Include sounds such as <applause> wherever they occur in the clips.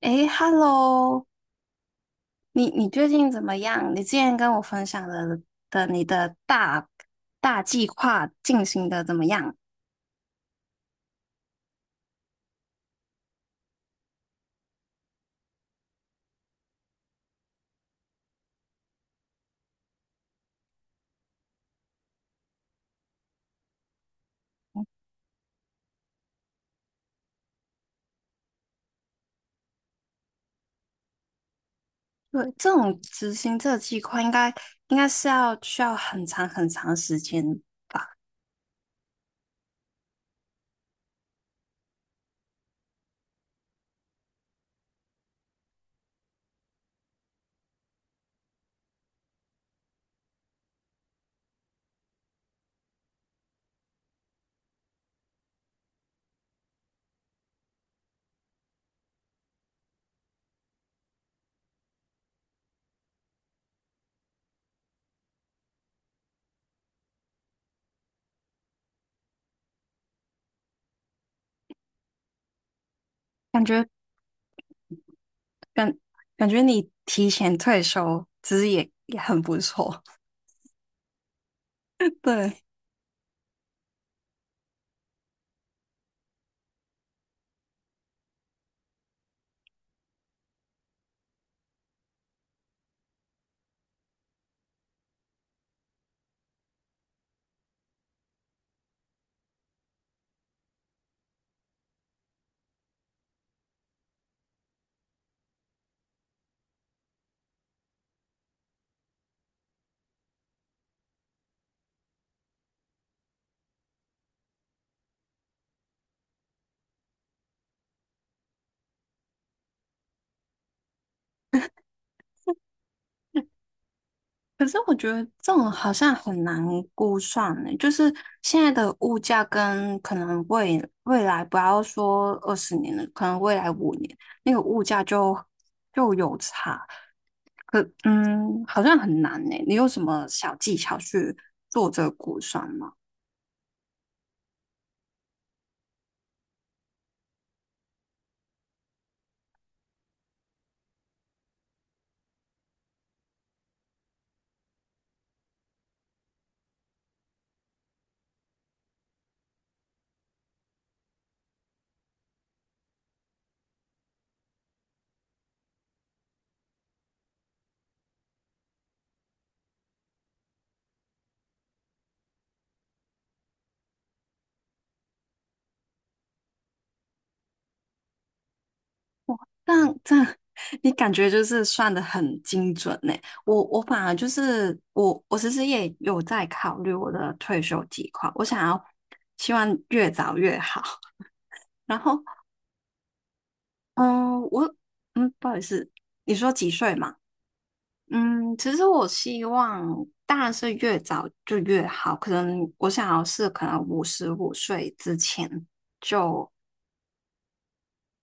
诶 h e l l o 你最近怎么样？你之前跟我分享的你的大计划进行的怎么样？对，这种执行这个计划应该是要需要很长时间，感觉感感觉你提前退休其实也很不错。<laughs> 对，可是我觉得这种好像很难估算呢，就是现在的物价跟可能未来不要说二十年了，可能未来五年那个物价就有差，嗯，好像很难呢。你有什么小技巧去做这个估算吗？但但 <laughs> 你感觉就是算的很精准呢。我反而就是我其实也有在考虑我的退休计划，我想要希望越早越好。<laughs> 然后嗯，我嗯，不好意思，你说几岁嘛？嗯，其实我希望当然是越早就越好，可能我想要是可能五十五岁之前就。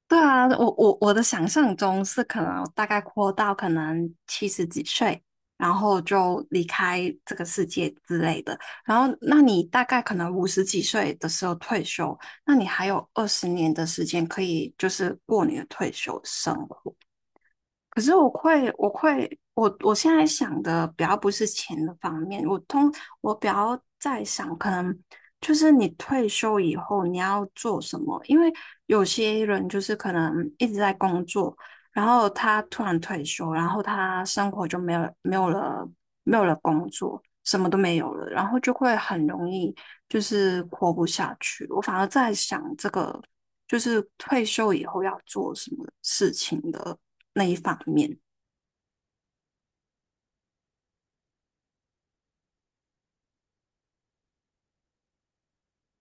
对啊，我的想象中是可能大概活到可能七十几岁，然后就离开这个世界之类的。然后，那你大概可能五十几岁的时候退休，那你还有二十年的时间可以就是过你的退休生活。可是我会，我会，我现在想的比较不是钱的方面，我比较在想，可能就是你退休以后你要做什么，因为有些人就是可能一直在工作，然后他突然退休，然后他生活就没有了没有了工作，什么都没有了，然后就会很容易就是活不下去。我反而在想这个。就是退休以后要做什么事情的那一方面。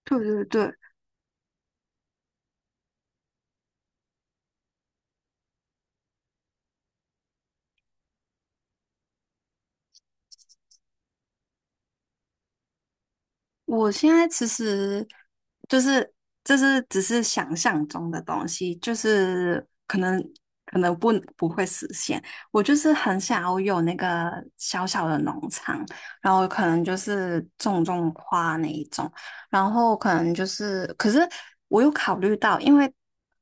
对对对，我现在其实就是就是只是想象中的东西，就是可能可能不会实现。我就是很想要有那个小小的农场，然后可能就是种种花那一种，然后可能就是可是我有考虑到，因为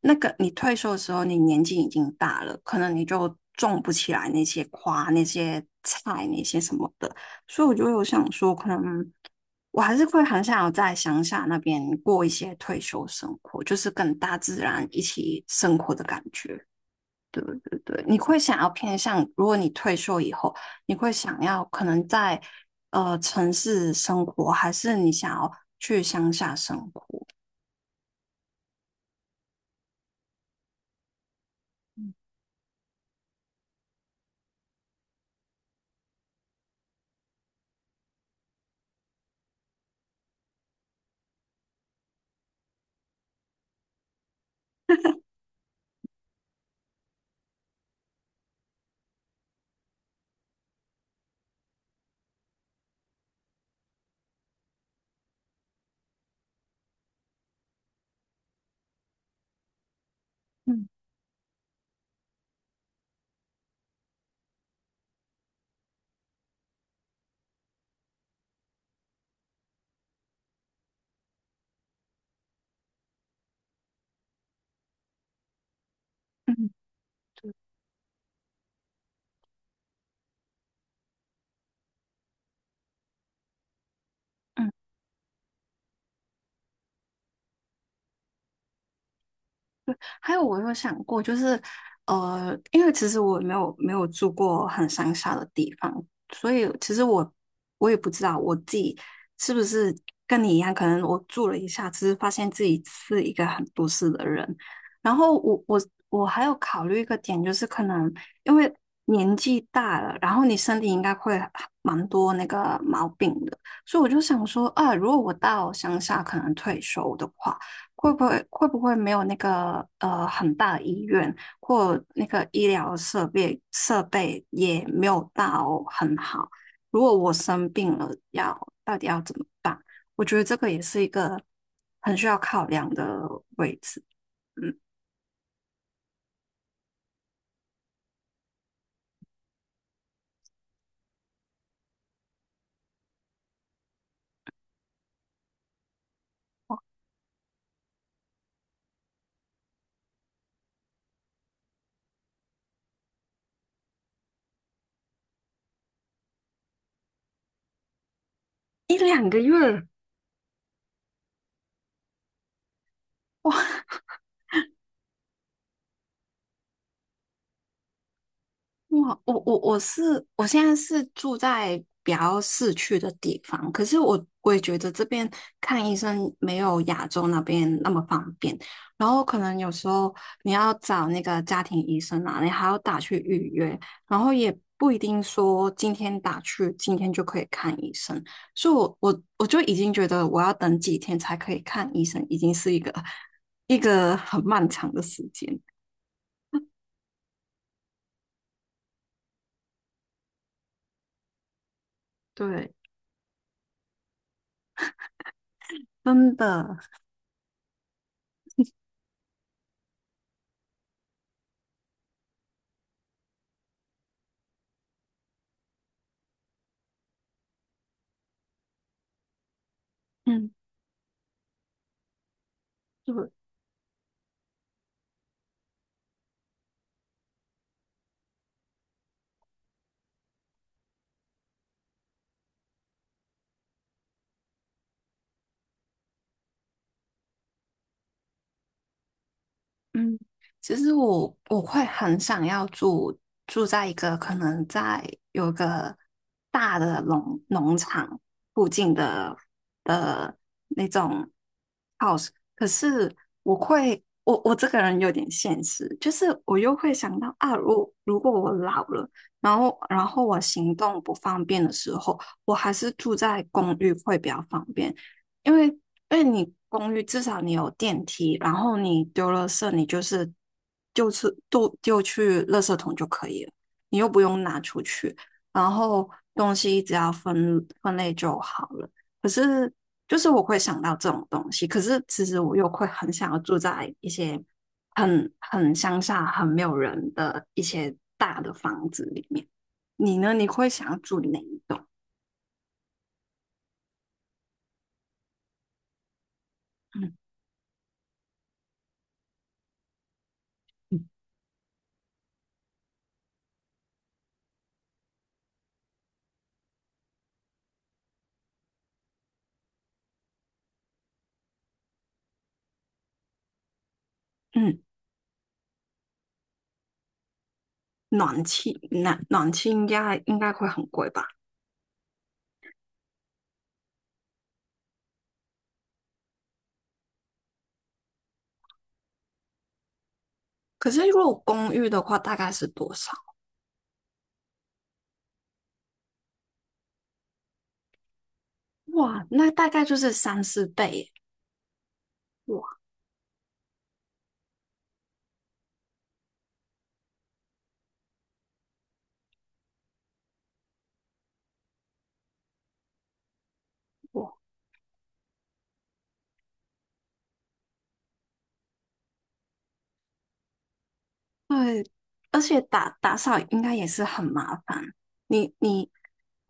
那个你退休的时候，你年纪已经大了，可能你就种不起来那些花、那些菜、那些什么的。所以我就有想说，可能我还是会很想要在乡下那边过一些退休生活，就是跟大自然一起生活的感觉。对对对，你会想要偏向，如果你退休以后，你会想要可能在城市生活，还是你想要去乡下生活？嗯嗯嗯。还有我有想过，就是因为其实我没有住过很乡下的地方，所以其实我也不知道我自己是不是跟你一样，可能我住了一下，只是发现自己是一个很都市的人。然后我还有考虑一个点，就是可能因为年纪大了，然后你身体应该会蛮多那个毛病的，所以我就想说，啊，如果我到乡下可能退休的话。会不会没有那个很大的医院或那个医疗设备也没有到很好？如果我生病了，要到底要怎么办？我觉得这个也是一个很需要考量的位置。一两个哇，哇，我现在是住在比较市区的地方，可是我也觉得这边看医生没有亚洲那边那么方便，然后可能有时候你要找那个家庭医生啊，你还要打去预约，然后也不一定说今天打去今天就可以看医生，所以我就已经觉得我要等几天才可以看医生，已经是一个很漫长的时间，对，真的，嗯。对。嗯，其实我会很想要住在一个可能在有个大的农场附近的的那种 house,可是我会我我这个人有点现实，就是我又会想到啊，如果我老了，然后我行动不方便的时候，我还是住在公寓会比较方便，因为因为你公寓至少你有电梯，然后你丢了色，你就是就是丢去垃圾桶就可以了，你又不用拿出去，然后东西只要分类就好了。可是就是我会想到这种东西，可是其实我又会很想要住在一些很乡下、很没有人的一些大的房子里面。你呢？你会想要住哪一栋？嗯嗯。嗯暖气暖气应该会很贵吧？可是如果公寓的话，大概是多少？哇，那大概就是三四倍耶哇哇，对，而且打扫应该也是很麻烦。你你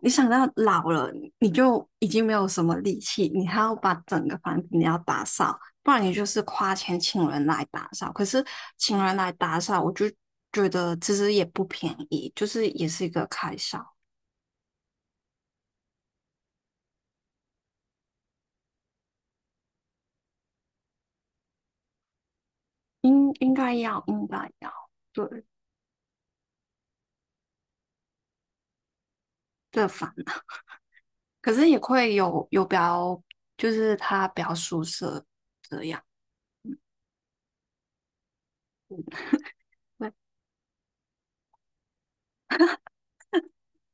你想到老了，你就已经没有什么力气，你还要把整个房子你要打扫，不然你就是花钱请人来打扫。可是请人来打扫，我就觉得其实也不便宜，就是也是一个开销。应应该要，应该要，对，这烦恼，可是也会有比较，就是他比较舒适这样，对，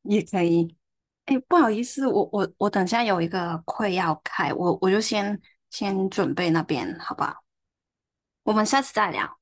也可以。哎，不好意思，我等下有一个会要开，我就先先准备那边，好不好？我们下次再聊。